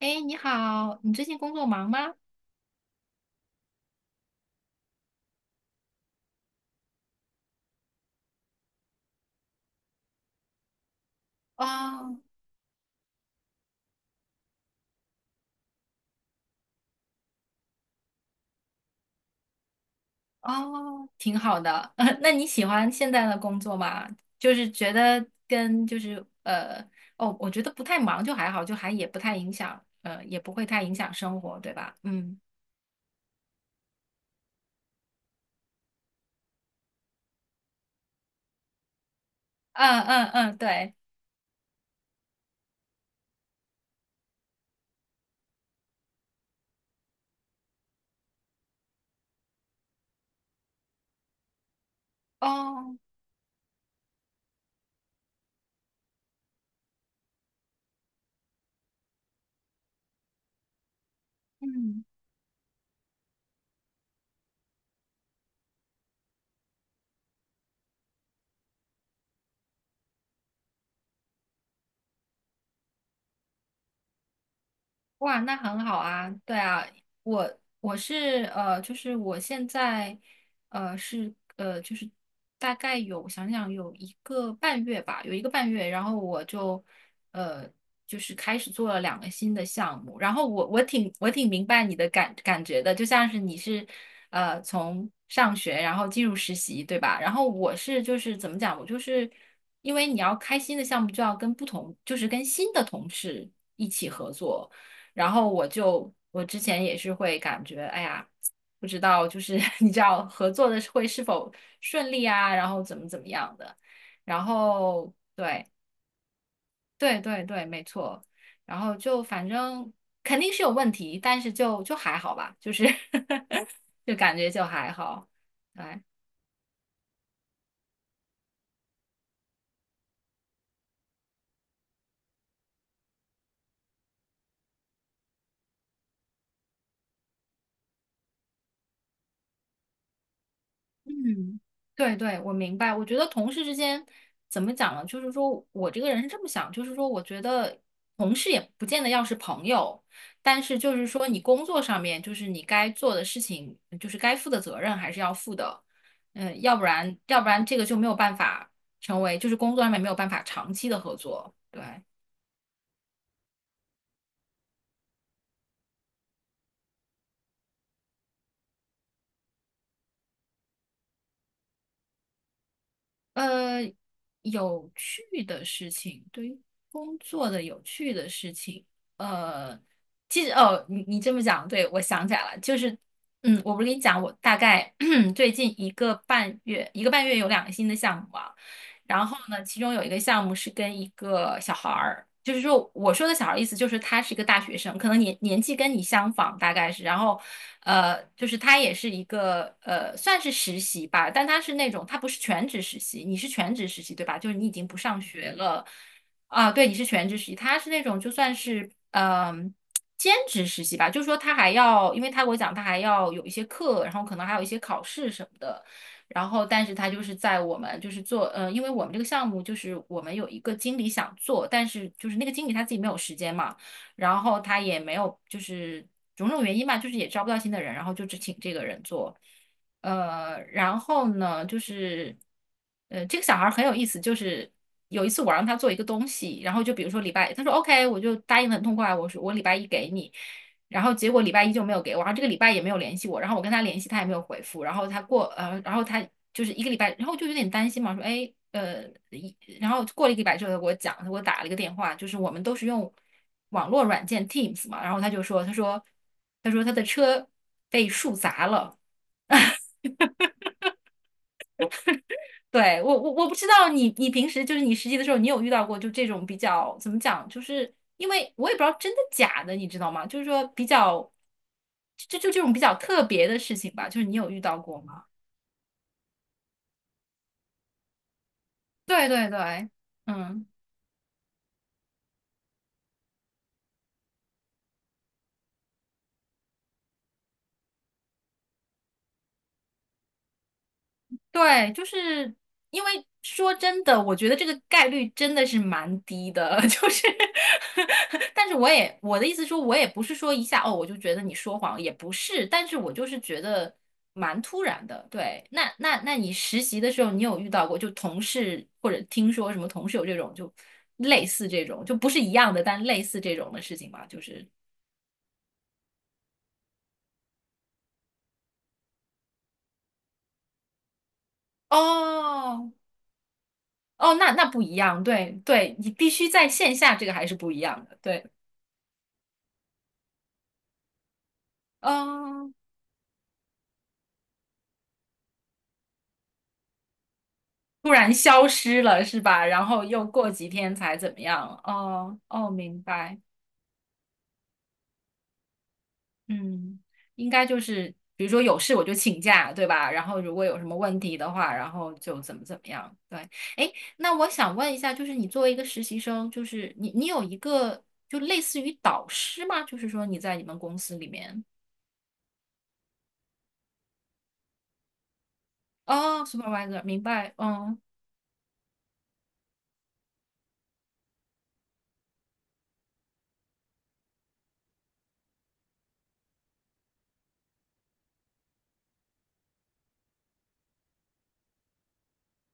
哎，你好，你最近工作忙吗？哦哦，挺好的。那你喜欢现在的工作吗？就是觉得跟就是呃，哦，我觉得不太忙就还好，就还也不太影响，也不会太影响生活，对吧？嗯，嗯嗯嗯，对，哦，嗯。哇，那很好啊，对啊，我我是呃，就是我现在就是大概有有一个半月吧，有一个半月，然后我呃就是开始做了两个新的项目，然后我挺明白你的感觉的，就像是你是从上学然后进入实习，对吧？然后我是就是怎么讲，我就是因为你要开新的项目，就要跟不同，就是跟新的同事一起合作。然后我之前也是会感觉，哎呀，不知道就是 你知道合作的会是否顺利啊，然后怎么怎么样的，然后对，没错，然后就反正肯定是有问题，但是就还好吧，就是 就感觉就还好，对，嗯，对对，我明白。我觉得同事之间怎么讲呢？就是说我这个人是这么想，就是说我觉得同事也不见得要是朋友，但是就是说你工作上面就是你该做的事情，就是该负的责任还是要负的。嗯，要不然这个就没有办法成为，就是工作上面没有办法长期的合作。对。呃，有趣的事情，对于工作的有趣的事情，呃，其实哦，你你这么讲，对，我想起来了，就是，嗯，我不是跟你讲，我大概 最近一个半月，一个半月有两个新的项目啊。然后呢，其中有一个项目是跟一个小孩儿，就是说我说的小孩儿意思就是他是一个大学生，可能年纪跟你相仿，大概是，然后就是他也是一个算是实习吧，但他是那种他不是全职实习，你是全职实习对吧？就是你已经不上学了啊，对，你是全职实习，他是那种就算是嗯。兼职实习吧，就是说他还要，因为他给我讲，他还要有一些课，然后可能还有一些考试什么的，然后但是他就是在我们就是做，呃，因为我们这个项目就是我们有一个经理想做，但是就是那个经理他自己没有时间嘛，然后他也没有就是种种原因吧，就是也招不到新的人，然后就只请这个人做，呃，然后呢就是，呃，这个小孩很有意思，就是。有一次我让他做一个东西，然后就比如说礼拜，他说 OK，我就答应的很痛快，我说我礼拜一给你，然后结果礼拜一就没有给我，然后这个礼拜也没有联系我，然后我跟他联系他也没有回复，然后他过呃，然后他就是一个礼拜，然后就有点担心嘛，一然后过了一个礼拜之后他给我讲，他给我打了一个电话，就是我们都是用网络软件 Teams 嘛，然后他说他的车被树砸了，对，我不知道你你平时就是你实习的时候，你有遇到过就这种比较怎么讲，就是因为我也不知道真的假的，你知道吗？就是说比较，就这种比较特别的事情吧，就是你有遇到过吗？对对对，嗯。对，就是因为说真的，我觉得这个概率真的是蛮低的，就是但是我的意思说，我也不是说一下哦，我就觉得你说谎，也不是，但是我就是觉得蛮突然的。对，那你实习的时候，你有遇到过就同事或者听说什么同事有这种就类似这种，就不是一样的，但类似这种的事情吗？就是哦哦，那那不一样，对对，你必须在线下，这个还是不一样的，对。嗯，突然消失了，是吧？然后又过几天才怎么样？哦哦，明白。嗯，应该就是，比如说有事我就请假，对吧？然后如果有什么问题的话，然后就怎么怎么样。对，哎，那我想问一下，就是你作为一个实习生，就是你你有一个就类似于导师吗？就是说你在你们公司里面哦，supervisor，明白？嗯，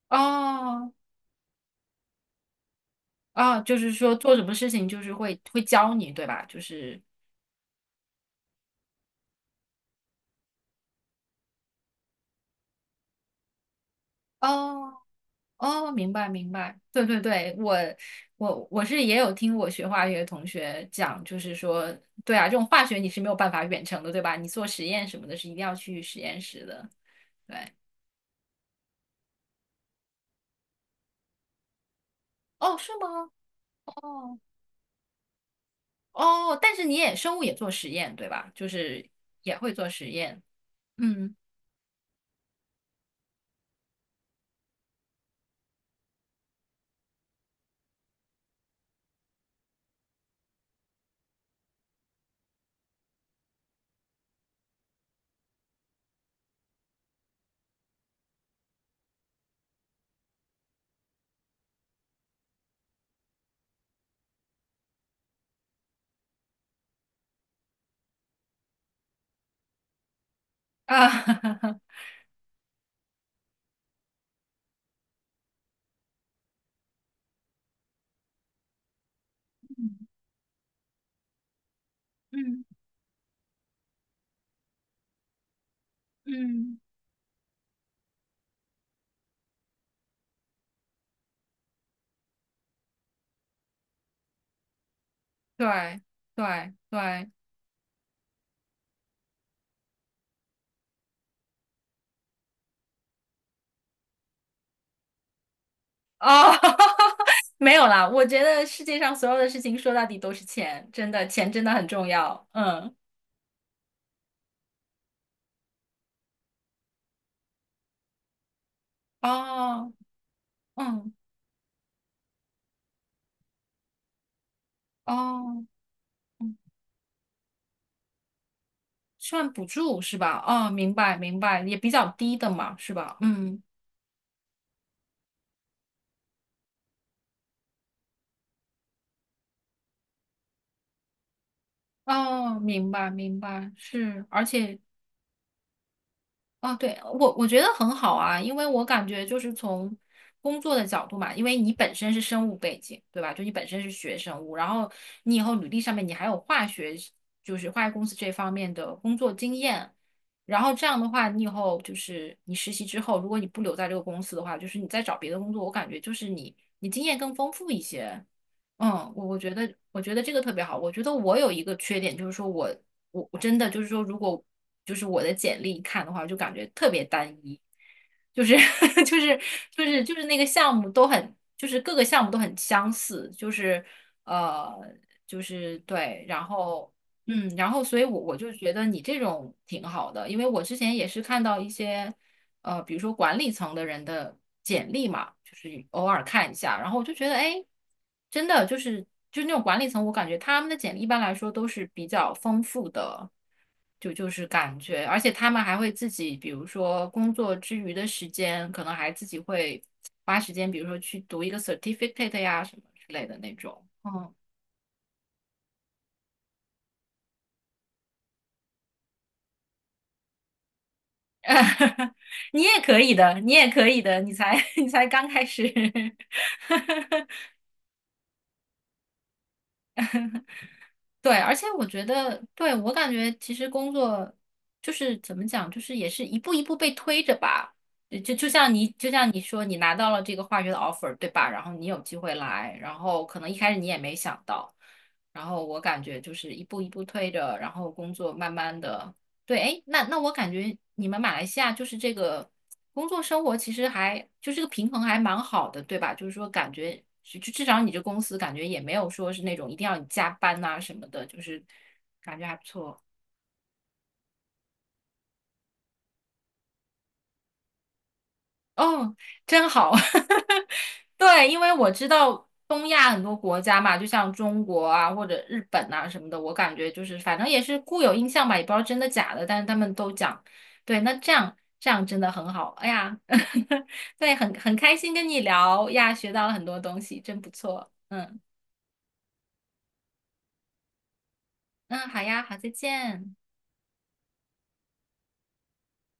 哦哦，就是说做什么事情就是会教你，对吧？就是。哦哦，明白明白，对对对，我是也有听我学化学的同学讲，就是说，对啊，这种化学你是没有办法远程的，对吧？你做实验什么的是一定要去实验室的，对。哦，是吗？哦哦，但是你也生物也做实验，对吧？就是也会做实验，嗯啊，嗯嗯，对对对，哦。没有啦，我觉得世界上所有的事情说到底都是钱，真的，钱真的很重要。嗯。哦，嗯，哦，嗯，算补助是吧？哦，明白明白，也比较低的嘛，是吧？嗯，哦，明白明白，是，而且啊，对，我我觉得很好啊，因为我感觉就是从工作的角度嘛，因为你本身是生物背景，对吧？就你本身是学生物，然后你以后履历上面你还有化学，就是化学公司这方面的工作经验，然后这样的话，你以后就是你实习之后，如果你不留在这个公司的话，就是你再找别的工作，我感觉就是你你经验更丰富一些。嗯，我觉得这个特别好。我觉得我有一个缺点，就是说我真的就是说，如果就是我的简历看的话，就感觉特别单一，就是 就是就是那个项目都很，就是各个项目都很相似，呃就是对，然后嗯，然后所以我就觉得你这种挺好的，因为我之前也是看到一些。呃，比如说管理层的人的简历嘛，就是偶尔看一下，然后我就觉得，哎，真的就是就那种管理层，我感觉他们的简历一般来说都是比较丰富的，就是感觉，而且他们还会自己，比如说工作之余的时间，可能还自己会花时间，比如说去读一个 certificate 呀什么之类的那种，嗯。你也可以的，你也可以的，你才 你才刚开始。对，而且我觉得，对，我感觉其实工作就是怎么讲，就是也是一步一步被推着吧。就像你说，你拿到了这个化学的 offer，对吧？然后你有机会来，然后可能一开始你也没想到，然后我感觉就是一步一步推着，然后工作慢慢的，对，哎，那那我感觉你们马来西亚就是这个。工作生活其实还就这个平衡还蛮好的，对吧？就是说感觉就至少你这公司感觉也没有说是那种一定要你加班呐、什么的，就是感觉还不错。哦，真好。对，因为我知道东亚很多国家嘛，就像中国啊或者日本啊什么的，我感觉就是反正也是固有印象吧，也不知道真的假的，但是他们都讲。对，那这样这样真的很好。哎呀，对，很很开心跟你聊呀，学到了很多东西，真不错。嗯。嗯，好呀，好，再见。